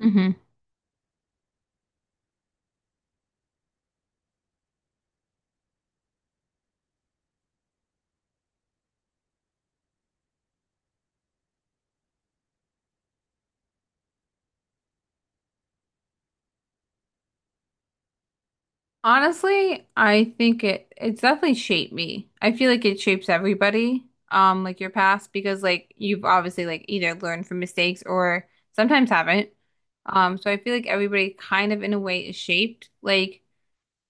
hmm Honestly, I think it's definitely shaped me. I feel like it shapes everybody, like your past, because like you've obviously like either learned from mistakes or sometimes haven't. So I feel like everybody kind of in a way is shaped. Like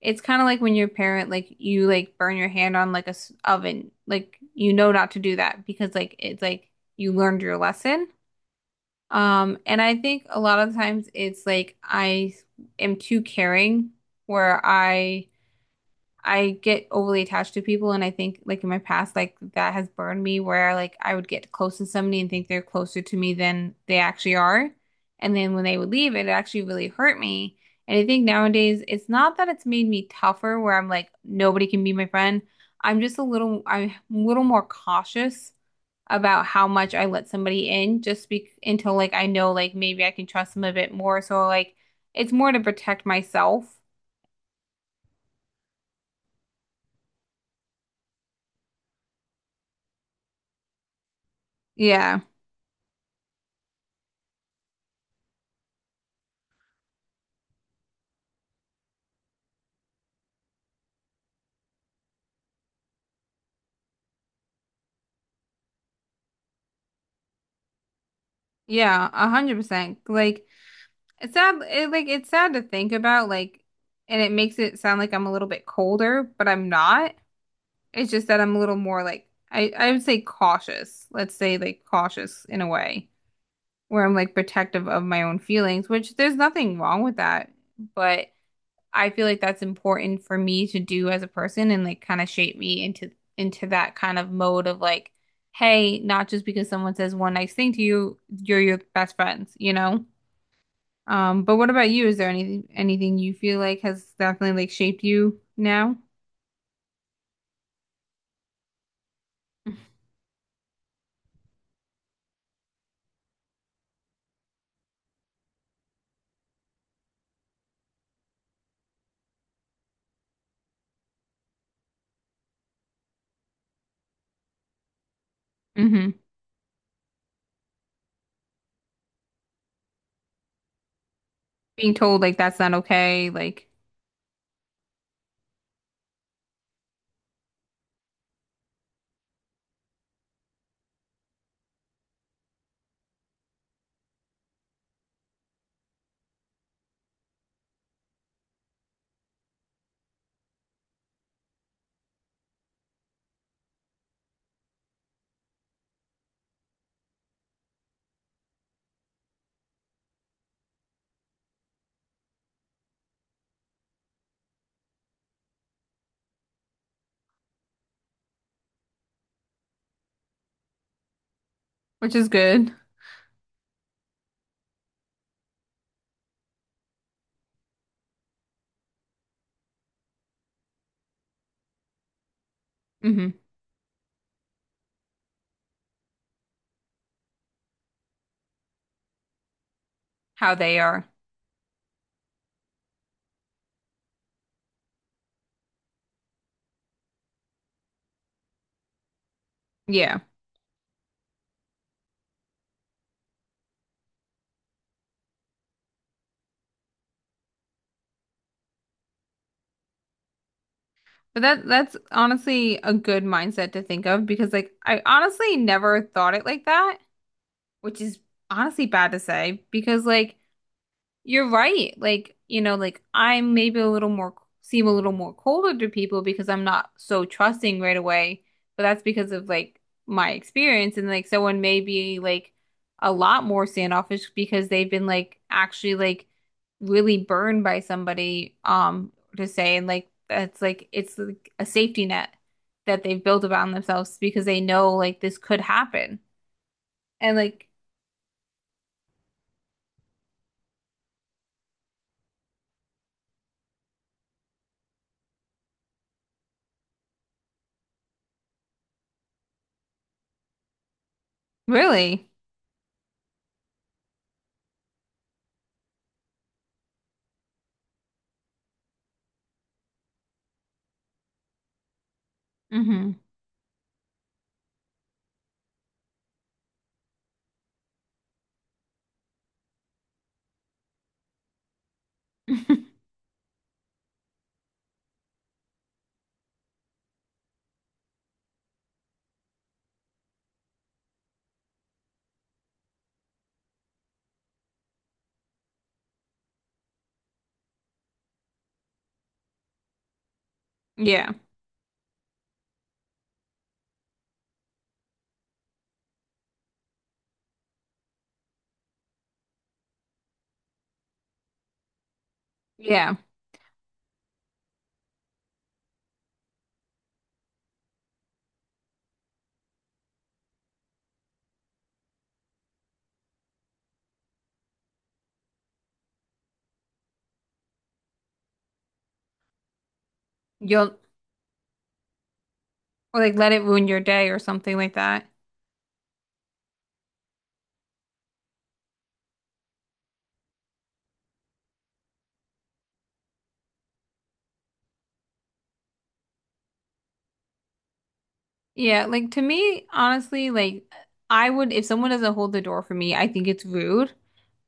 it's kind of like when your parent like you like burn your hand on like a oven, like you know not to do that because like it's like you learned your lesson. And I think a lot of times it's like I am too caring where I get overly attached to people and I think like in my past like that has burned me where like I would get close to somebody and think they're closer to me than they actually are. And then when they would leave, it actually really hurt me. And I think nowadays it's not that it's made me tougher where I'm like nobody can be my friend. I'm just a little I'm a little more cautious about how much I let somebody in just be until like I know like maybe I can trust them a bit more. So like it's more to protect myself. Yeah. Yeah, 100%. Like it's sad. Like it's sad to think about. Like, and it makes it sound like I'm a little bit colder, but I'm not. It's just that I'm a little more like I would say cautious. Let's say like cautious in a way where I'm like protective of my own feelings, which there's nothing wrong with that. But I feel like that's important for me to do as a person and like kind of shape me into that kind of mode of like, hey, not just because someone says one nice thing to you, you're your best friends? But what about you? Is there anything you feel like has definitely like shaped you now? hmm Being told like that's not okay, like which is good. hmm How they are. Yeah. But that's honestly a good mindset to think of because like I honestly never thought it like that, which is honestly bad to say because like you're right. Like, you know, like I am maybe a little more seem a little more colder to people because I'm not so trusting right away, but that's because of like my experience and like someone may be like a lot more standoffish because they've been like actually like really burned by somebody to say and like that's like it's like a safety net that they've built around themselves because they know like this could happen. And like really? hmm Yeah. Yeah. You'll or, like let it ruin your day or something like that. Yeah, like to me, honestly, like I would if someone doesn't hold the door for me, I think it's rude.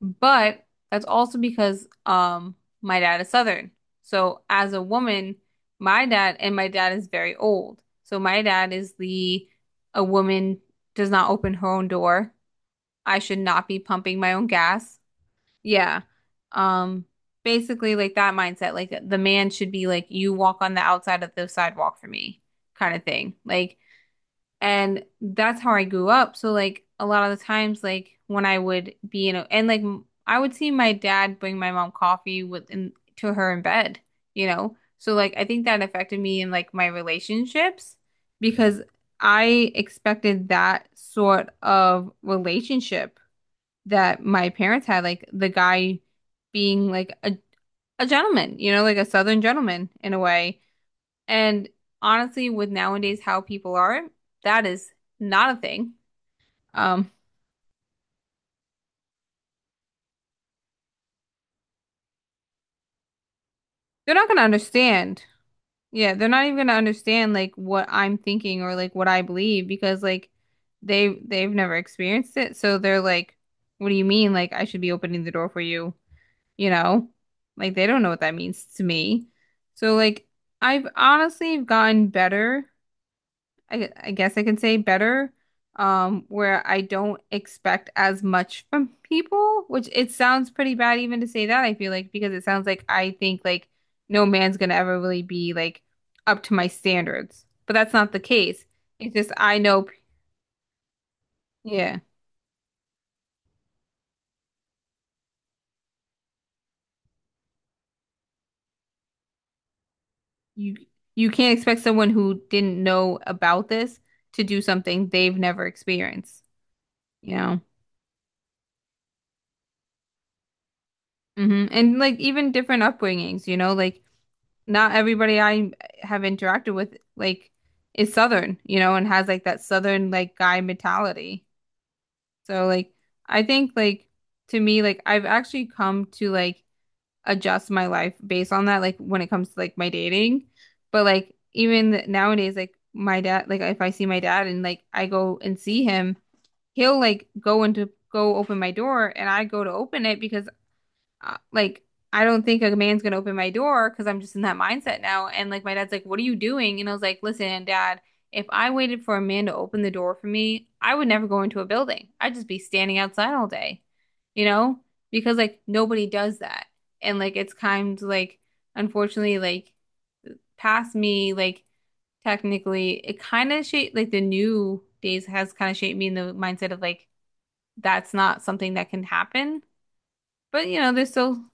But that's also because my dad is Southern. So as a woman, my dad is very old. So my dad is the a woman does not open her own door. I should not be pumping my own gas. Yeah. Um, basically like that mindset, like the man should be like, you walk on the outside of the sidewalk for me, kind of thing. Like, and that's how I grew up. So like a lot of the times, like when I would be in a, and like m- I would see my dad bring my mom coffee to her in bed, you know? So like I think that affected me in like my relationships because I expected that sort of relationship that my parents had, like the guy being like a gentleman, you know, like a Southern gentleman in a way. And honestly, with nowadays how people are, that is not a thing. Um, they're not gonna understand. Yeah, they're not even gonna understand like what I'm thinking or like what I believe because like they've never experienced it. So they're like, what do you mean? Like I should be opening the door for you you know? Like they don't know what that means to me. So like I've honestly gotten better. I guess I can say better, where I don't expect as much from people, which it sounds pretty bad even to say that, I feel like, because it sounds like I think like no man's gonna ever really be like up to my standards. But that's not the case. It's just I know, yeah, you you can't expect someone who didn't know about this to do something they've never experienced. Yeah. And like even different upbringings, you know, like not everybody I have interacted with like is Southern, you know, and has like that Southern like guy mentality. So like I think like to me like I've actually come to like adjust my life based on that like when it comes to like my dating. But like even nowadays like my dad like if I see my dad and like I go and see him, he'll like go into go open my door and I go to open it because like I don't think a man's gonna open my door because I'm just in that mindset now. And like my dad's like, "What are you doing?" And I was like, "Listen, Dad, if I waited for a man to open the door for me, I would never go into a building. I'd just be standing outside all day, you know, because like nobody does that. And like it's kind of like unfortunately like past me like technically it kind of shaped like the new days has kind of shaped me in the mindset of like that's not something that can happen. But you know, there's still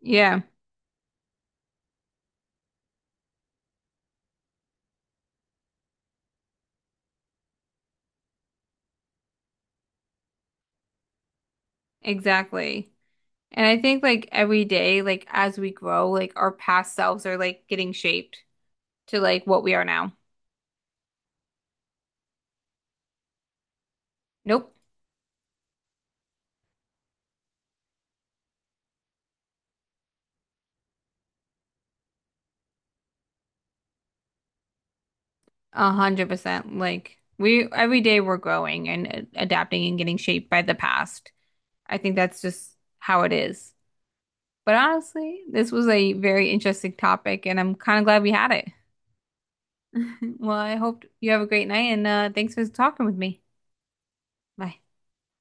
yeah. Exactly. And I think like every day, like as we grow, like our past selves are like getting shaped to like what we are now. Nope. 100%. Like we every day we're growing and adapting and getting shaped by the past. I think that's just how it is. But honestly, this was a very interesting topic and I'm kind of glad we had it. Well, I hope you have a great night and thanks for talking with me. Bye.